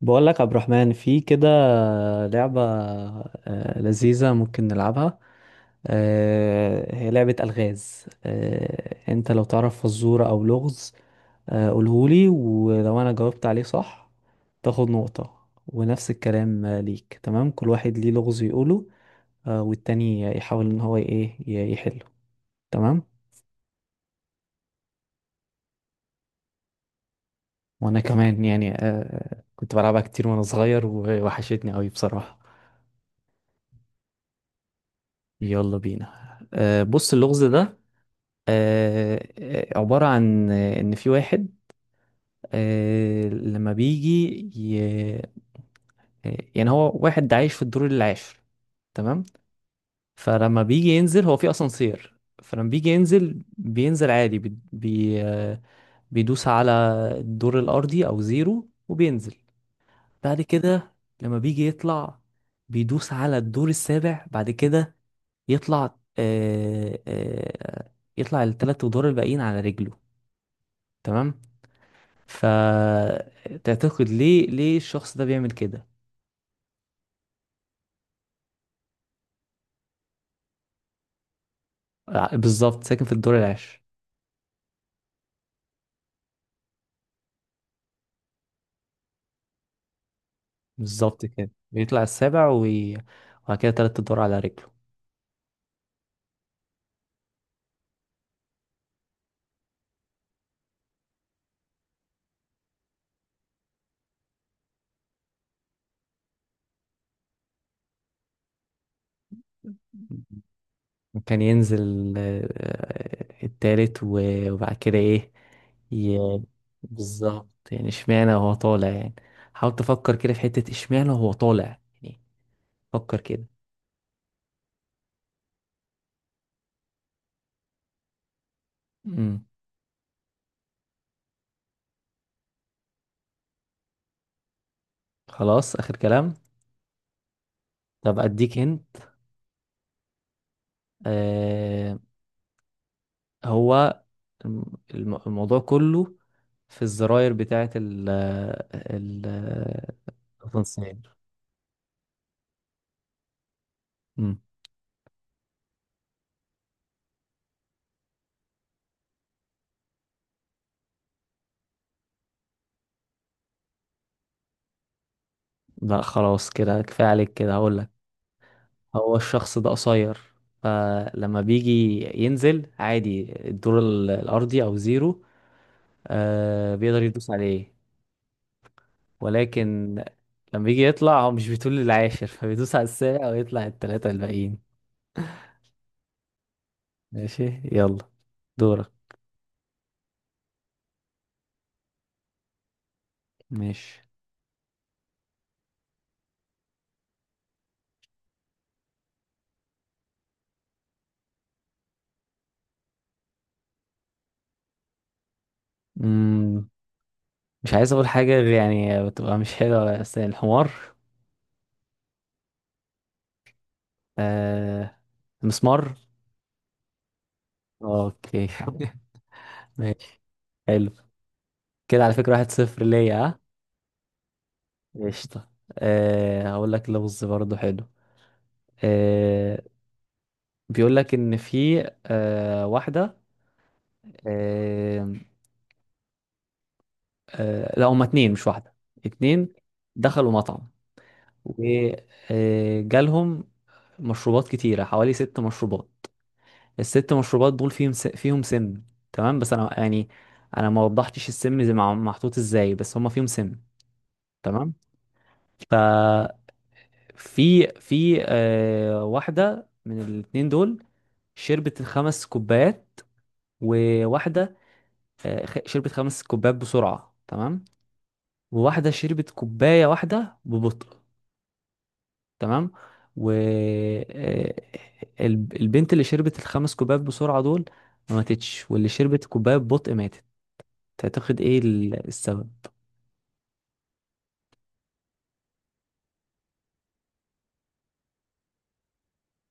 بقول لك عبد الرحمن في كده لعبة لذيذة، ممكن نلعبها. هي لعبة ألغاز. انت لو تعرف فزورة او لغز قولهولي، ولو انا جاوبت عليه صح تاخد نقطة ونفس الكلام ليك. تمام، كل واحد ليه لغز يقوله والتاني يحاول ان هو ايه يحله. تمام. وانا كمان يعني كنت بلعبها كتير وانا صغير ووحشتني قوي بصراحة. يلا بينا، بص اللغز ده عبارة عن إن في واحد، لما بيجي ي... آه، يعني هو واحد عايش في الدور العاشر. تمام. فلما بيجي ينزل هو في أسانسير، فلما بيجي ينزل بينزل عادي بي... بي... آه، بيدوس على الدور الأرضي أو زيرو وبينزل بعد كده. لما بيجي يطلع بيدوس على الدور السابع بعد كده يطلع يطلع التلات أدوار الباقيين على رجله. تمام. فتعتقد ليه الشخص ده بيعمل كده؟ بالظبط، ساكن في الدور العاشر. بالظبط كده بيطلع السابع وبعد كده تلات ادوار على رجله. كان ينزل التالت وبعد كده ايه ي- بالظبط. يعني اشمعنى وهو طالع يعني، حاول تفكر كده في حتة اشمعنى وهو طالع يعني، فكر كده. امم. خلاص، اخر كلام. طب اديك هنت. آه، هو الم- الموضوع كله في الزراير بتاعة ال ال التنصير. مم. لا خلاص كده، كفاية عليك كده هقول لك. هو الشخص ده قصير، فلما بيجي ينزل عادي الدور الأرضي أو زيرو آه بيقدر يدوس عليه، ولكن لما بيجي يطلع هو مش بيطول للعاشر فبيدوس على السابع ويطلع التلاتة الباقيين. ماشي، يلا دورك. ماشي. مش عايز اقول حاجه غير، يعني بتبقى مش حلوه، بس الحمار. آه، المسمار. اوكي. ماشي، حلو. كده على فكره 1-0 ليا، ها؟ قشطه. هقول لك لغز برضه حلو. آه بيقول لك ان في واحده، آه لا هما اتنين مش واحده، اتنين دخلوا مطعم وجالهم مشروبات كتيره حوالي ست مشروبات. الست مشروبات دول فيهم فيهم سم. تمام، بس انا يعني، انا ما وضحتش السم زي محطوط ازاي، بس هما فيهم سم. تمام. ففي في واحده من الاتنين دول شربت الخمس كوبايات، وواحده شربت خمس كوبايات بسرعه. تمام. وواحده شربت كوبايه واحده ببطء. تمام. و آه، البنت اللي شربت الخمس كوبايات بسرعه دول ما ماتتش، واللي شربت كوبايه ببطء ماتت. تعتقد ايه السبب؟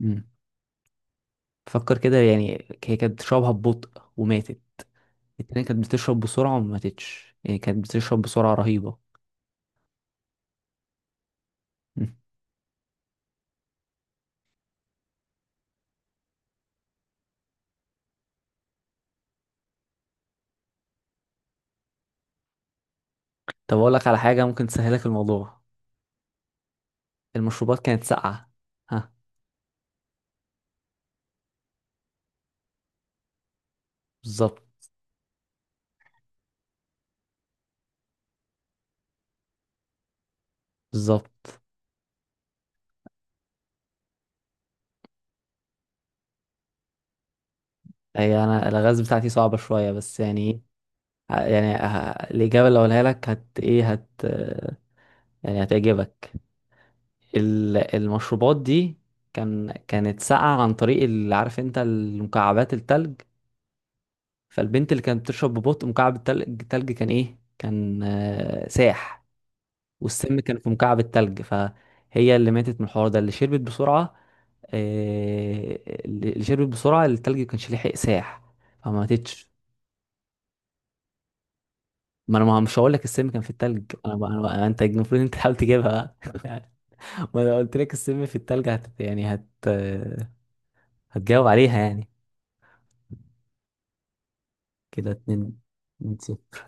مم. فكر كده يعني، هي كانت بتشربها ببطء وماتت، التانية كانت بتشرب بسرعة وما ماتتش، يعني كانت بتشرب بسرعة رهيبة. مم. طب أقول لك على حاجة ممكن تسهلك الموضوع. المشروبات كانت ساقعة، ها؟ بالظبط. بالظبط. هي أنا الغاز بتاعتي صعبة شوية، بس يعني إيه، الإجابة اللي أقولها لك هت إيه هت يعني هتعجبك. المشروبات دي كانت ساقعة عن طريق اللي عارف أنت المكعبات التلج. فالبنت اللي كانت بتشرب ببطء مكعب التلج، التلج كان ايه، كان ساح، والسم كان في مكعب التلج، فهي اللي ماتت من الحوار ده اللي شربت بسرعة. اللي شربت بسرعة التلج كانش لحق ساح فما ماتتش. ما انا ما مش هقول لك السم كان في التلج، انا بقى، أنا بقى انت المفروض انت تحاول تجيبها بقى. ما انا قلت لك السم في التلج، هت يعني هت آه، هتجاوب عليها يعني. كده اتنين. 2-0.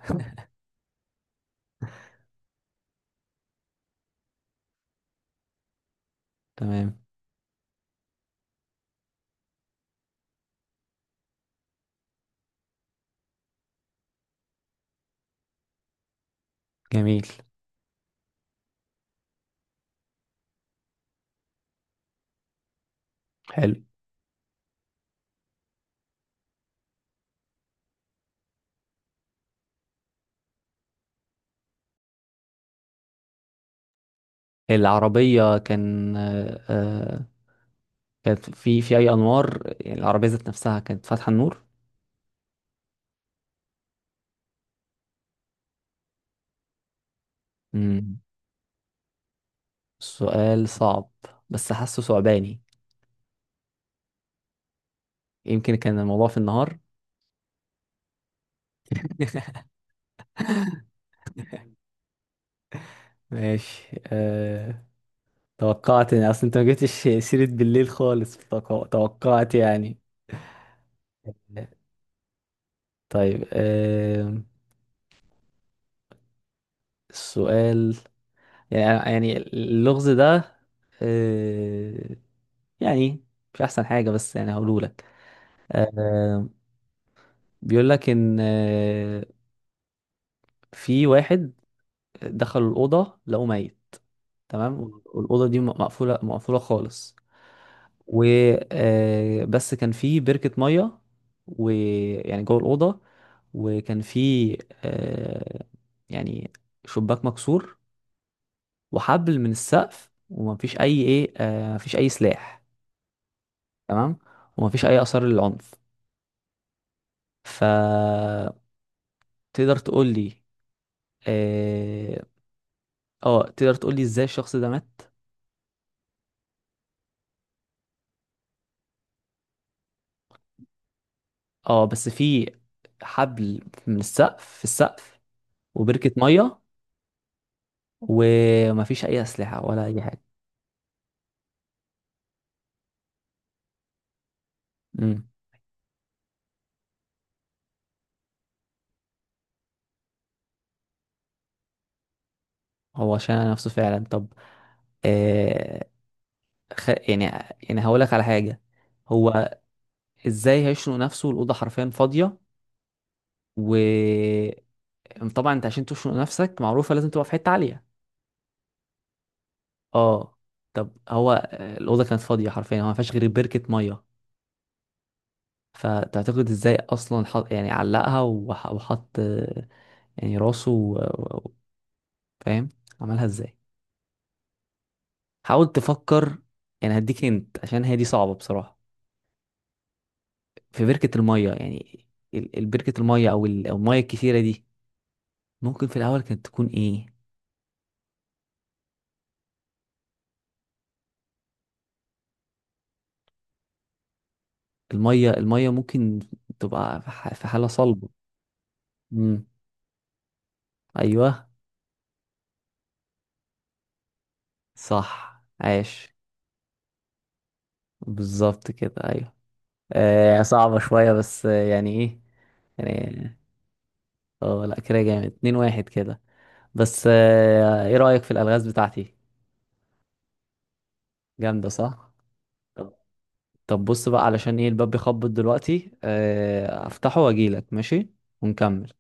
تمام. جميل، حلو. العربية كانت في أي أنوار، يعني العربية ذات نفسها كانت فاتحة النور. مم. سؤال صعب، بس حاسه صعباني. يمكن كان الموضوع في النهار. ماشي. توقعت يعني، أصل أنت ما جبتش سيرة بالليل خالص توقعت يعني. طيب السؤال يعني، اللغز ده أه... يعني مش أحسن حاجة بس يعني هقوله لك. آه، بيقول لك ان في واحد دخل الاوضه لقوه ميت. تمام، والاوضه دي مقفوله، مقفوله خالص. و آه، بس كان في بركه ميه، ويعني جوه الاوضه، وكان في آه، يعني شباك مكسور وحبل من السقف ومفيش اي ايه آه، مفيش اي سلاح. تمام، ومفيش اي اثار للعنف. فتقدر تقول لي اه آه، تقدر تقول لي ازاي الشخص ده مات. اه، بس في حبل من السقف، في السقف، وبركة مية. ومفيش أي أسلحة ولا أي حاجة. امم. هو شنق نفسه فعلا. طب، آه خ... يعني يعني هقولك على حاجة. هو ازاي هيشنق نفسه، الأوضة حرفيا فاضية. و طبعا انت عشان تشنق نفسك معروفة لازم تبقى في حتة عالية. اه، طب هو الأوضة كانت فاضية حرفيا، هو مفيهاش غير بركة مية. فتعتقد ازاي اصلا حط يعني علقها وحط يعني راسه فاهم، عملها ازاي؟ حاول تفكر، يعني هديك انت عشان هي دي صعبة بصراحة. في بركة المية، يعني بركة المية أو المية الكتيرة دي ممكن في الاول كانت تكون ايه. المية المية ممكن تبقى في في حالة صلبة. امم. ايوه، صح، عاش. بالظبط كده، ايوه. صعبة شوية، بس يعني ايه يعني. اه لا، كده جامد، 2-1 كده. بس ايه رأيك في الألغاز بتاعتي؟ جامدة صح. طب طب بص بقى، علشان ايه الباب بيخبط دلوقتي، افتحه واجيلك، ماشي، ونكمل.